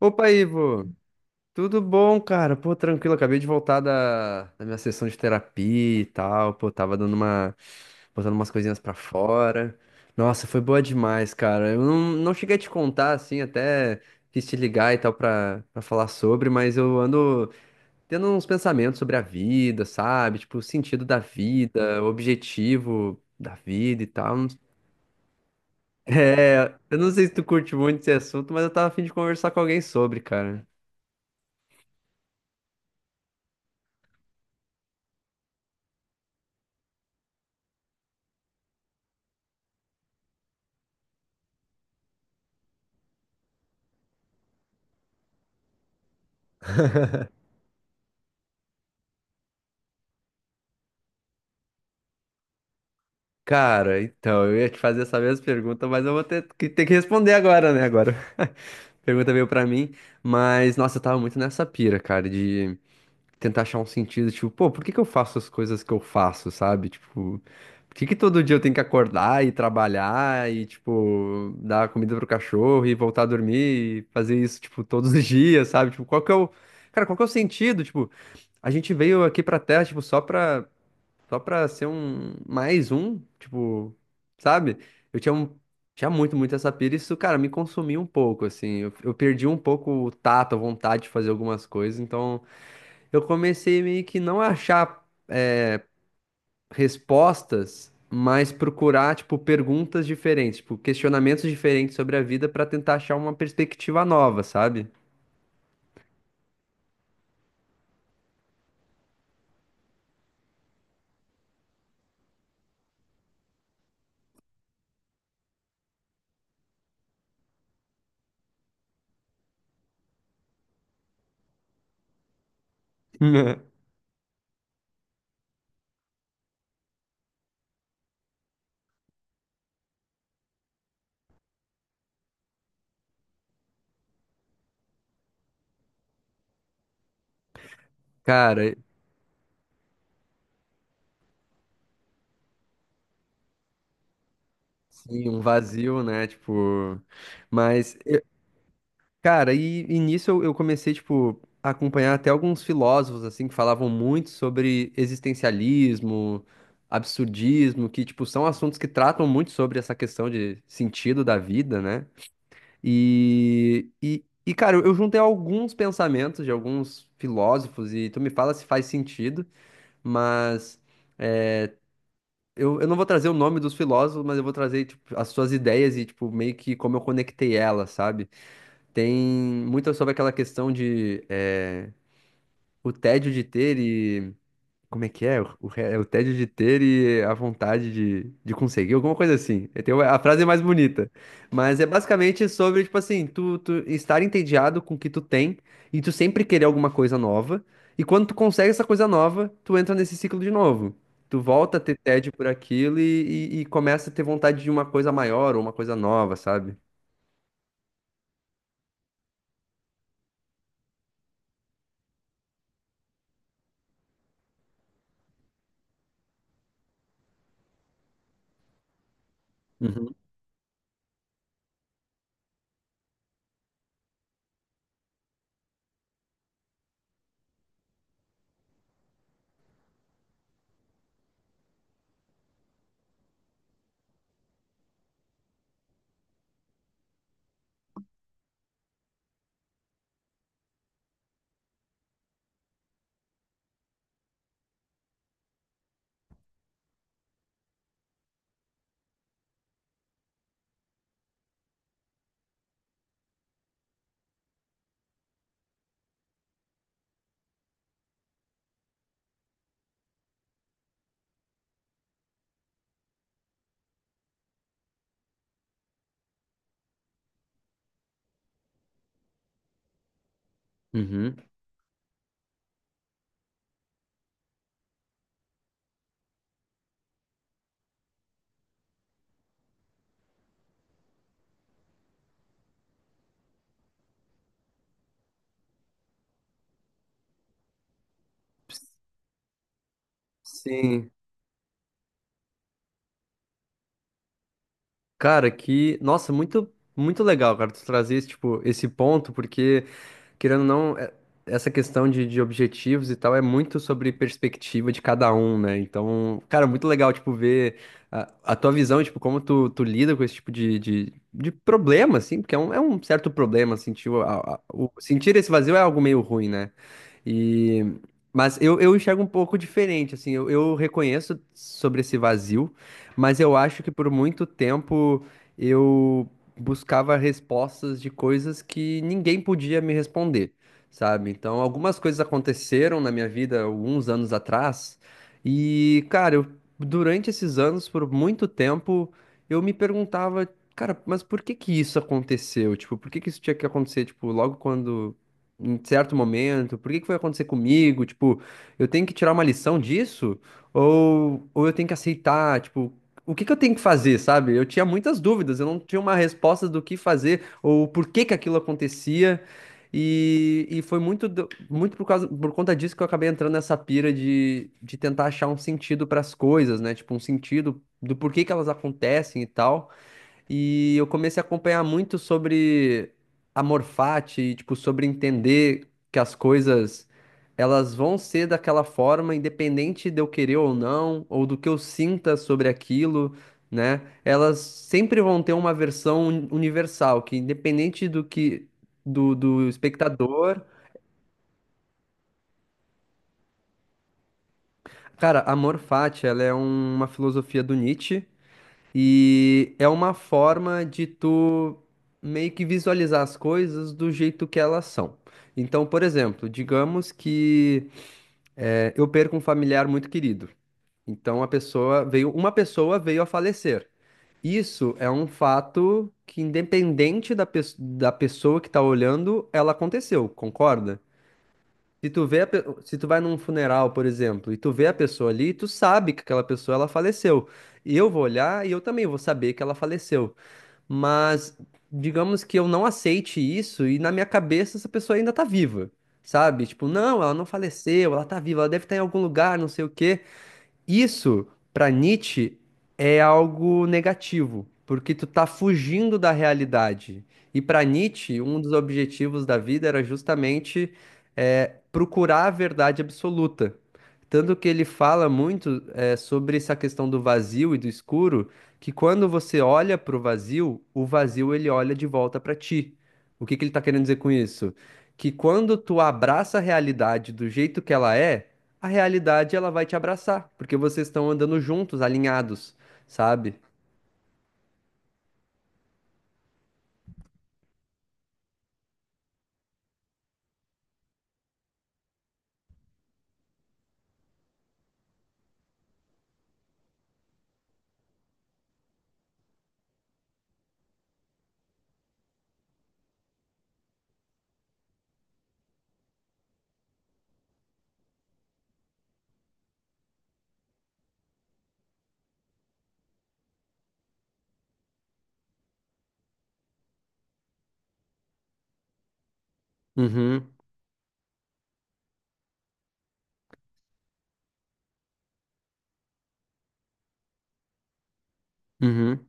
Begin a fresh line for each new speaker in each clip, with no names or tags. Opa, Ivo! Tudo bom, cara? Pô, tranquilo, acabei de voltar da minha sessão de terapia e tal. Pô, tava dando uma, botando umas coisinhas pra fora. Nossa, foi boa demais, cara. Eu não cheguei a te contar, assim, até quis te ligar e tal pra falar sobre, mas eu ando tendo uns pensamentos sobre a vida, sabe? Tipo, o sentido da vida, o objetivo da vida e tal. É, eu não sei se tu curte muito esse assunto, mas eu tava a fim de conversar com alguém sobre, cara. Cara, então, eu ia te fazer essa mesma pergunta, mas eu vou ter que responder agora, né? Agora. Pergunta veio pra mim, mas nossa, eu tava muito nessa pira, cara, de tentar achar um sentido, tipo, pô, por que que eu faço as coisas que eu faço, sabe? Tipo, por que que todo dia eu tenho que acordar e trabalhar e, tipo, dar comida pro cachorro e voltar a dormir e fazer isso, tipo, todos os dias, sabe? Tipo, qual que é o. Cara, qual que é o sentido? Tipo, a gente veio aqui pra Terra, tipo, só pra ser um mais um, tipo, sabe? Eu tinha, tinha muito essa pira, e isso, cara, me consumiu um pouco, assim. Eu perdi um pouco o tato, a vontade de fazer algumas coisas, então eu comecei meio que não a achar respostas, mas procurar, tipo, perguntas diferentes, tipo, questionamentos diferentes sobre a vida pra tentar achar uma perspectiva nova, sabe? Cara, sim, um vazio, né? Tipo, mas cara, e nisso eu, comecei, tipo, a acompanhar até alguns filósofos, assim, que falavam muito sobre existencialismo, absurdismo, que, tipo, são assuntos que tratam muito sobre essa questão de sentido da vida, né? E cara, eu juntei alguns pensamentos de alguns filósofos, e tu me fala se faz sentido, mas eu, não vou trazer o nome dos filósofos, mas eu vou trazer, tipo, as suas ideias e, tipo, meio que como eu conectei elas, sabe? Tem muito sobre aquela questão de o tédio de ter e. Como é que é? É o tédio de ter e a vontade de conseguir, alguma coisa assim. Tem a frase é mais bonita. Mas é basicamente sobre, tipo assim, tu estar entediado com o que tu tem e tu sempre querer alguma coisa nova. E quando tu consegue essa coisa nova, tu entra nesse ciclo de novo. Tu volta a ter tédio por aquilo e começa a ter vontade de uma coisa maior ou uma coisa nova, sabe? Uhum. Uhum. Sim. Cara, que, nossa, muito legal, cara, tu trazer esse esse ponto, porque querendo ou não, essa questão de objetivos e tal é muito sobre perspectiva de cada um, né? Então, cara, muito legal, tipo, ver a tua visão, tipo, como tu lida com esse tipo de problema, assim, porque é um certo problema, sentir tipo, sentir esse vazio é algo meio ruim, né? E, mas eu, enxergo um pouco diferente, assim, eu reconheço sobre esse vazio, mas eu acho que por muito tempo eu buscava respostas de coisas que ninguém podia me responder, sabe? Então, algumas coisas aconteceram na minha vida alguns anos atrás, e, cara, eu, durante esses anos, por muito tempo, eu me perguntava, cara, mas por que que isso aconteceu? Tipo, por que que isso tinha que acontecer, tipo, logo quando. Em certo momento, por que que foi acontecer comigo? Tipo, eu tenho que tirar uma lição disso? Ou eu tenho que aceitar, tipo, o que que eu tenho que fazer, sabe? Eu tinha muitas dúvidas, eu não tinha uma resposta do que fazer ou por que que aquilo acontecia. E foi muito, muito por causa, por conta disso que eu acabei entrando nessa pira de tentar achar um sentido para as coisas, né? Tipo, um sentido do porquê que elas acontecem e tal. E eu comecei a acompanhar muito sobre amor fati, e, tipo, sobre entender que as coisas elas vão ser daquela forma, independente de eu querer ou não, ou do que eu sinta sobre aquilo, né? Elas sempre vão ter uma versão universal, que independente do que do espectador. Cara, amor fati, ela é uma filosofia do Nietzsche. E é uma forma de tu meio que visualizar as coisas do jeito que elas são. Então, por exemplo, digamos que eu perco um familiar muito querido. Então, a pessoa veio, uma pessoa veio a falecer. Isso é um fato que, independente da, da pessoa que tá olhando, ela aconteceu, concorda? Se tu vê a se tu vai num funeral, por exemplo, e tu vê a pessoa ali, tu sabe que aquela pessoa ela faleceu. E eu vou olhar e eu também vou saber que ela faleceu, mas digamos que eu não aceite isso e na minha cabeça essa pessoa ainda tá viva, sabe? Tipo, não, ela não faleceu, ela tá viva, ela deve estar em algum lugar, não sei o quê. Isso, para Nietzsche, é algo negativo, porque tu tá fugindo da realidade. E para Nietzsche, um dos objetivos da vida era justamente procurar a verdade absoluta. Tanto que ele fala muito sobre essa questão do vazio e do escuro, que quando você olha para o vazio ele olha de volta para ti. O que que ele está querendo dizer com isso? Que quando tu abraça a realidade do jeito que ela é, a realidade ela vai te abraçar, porque vocês estão andando juntos, alinhados, sabe? Uhum, uhum.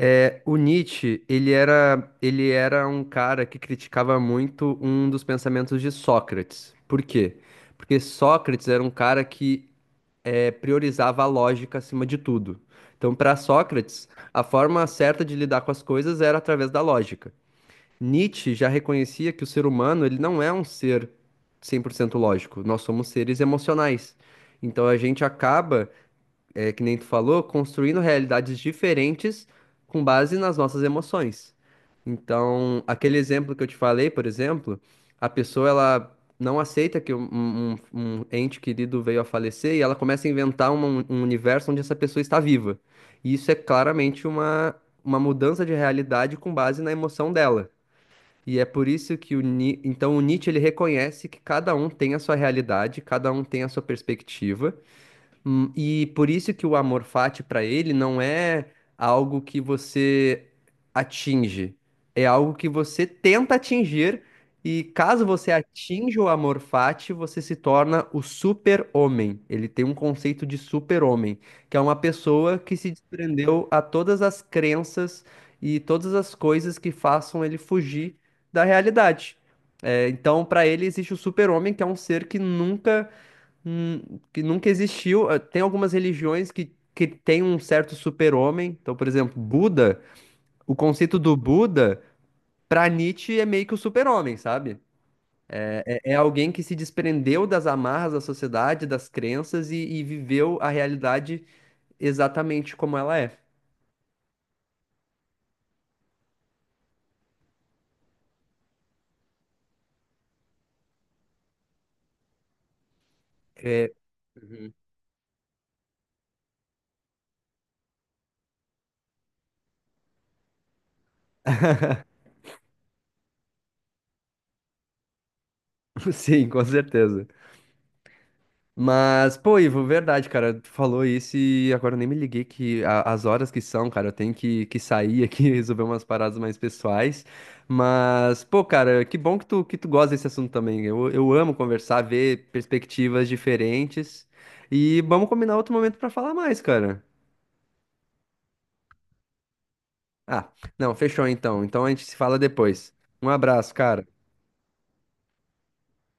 É, o Nietzsche, ele era um cara que criticava muito um dos pensamentos de Sócrates. Por quê? Porque Sócrates era um cara que priorizava a lógica acima de tudo. Então, para Sócrates, a forma certa de lidar com as coisas era através da lógica. Nietzsche já reconhecia que o ser humano, ele não é um ser 100% lógico. Nós somos seres emocionais. Então a gente acaba, é, que nem tu falou, construindo realidades diferentes com base nas nossas emoções. Então, aquele exemplo que eu te falei, por exemplo, a pessoa ela não aceita que um ente querido veio a falecer e ela começa a inventar um universo onde essa pessoa está viva. E isso é claramente uma mudança de realidade com base na emoção dela. E é por isso que o então o Nietzsche ele reconhece que cada um tem a sua realidade, cada um tem a sua perspectiva. E por isso que o amor fati para ele não é algo que você atinge, é algo que você tenta atingir, e caso você atinja o amor fati, você se torna o super-homem. Ele tem um conceito de super-homem, que é uma pessoa que se desprendeu a todas as crenças e todas as coisas que façam ele fugir da realidade. É, então, para ele existe o super-homem, que é um ser que nunca. Hum, que nunca existiu. Tem algumas religiões que têm um certo super-homem. Então, por exemplo, Buda, o conceito do Buda, para Nietzsche, é meio que o super-homem, sabe? É, é alguém que se desprendeu das amarras da sociedade, das crenças e viveu a realidade exatamente como ela é. É, sim, com certeza. Mas, pô, Ivo, verdade, cara, tu falou isso e agora eu nem me liguei que as horas que são, cara, eu tenho que sair aqui e resolver umas paradas mais pessoais. Mas, pô, cara, que bom que tu gosta desse assunto também. Eu amo conversar, ver perspectivas diferentes. E vamos combinar outro momento pra falar mais, cara. Ah, não, fechou então. Então a gente se fala depois. Um abraço, cara.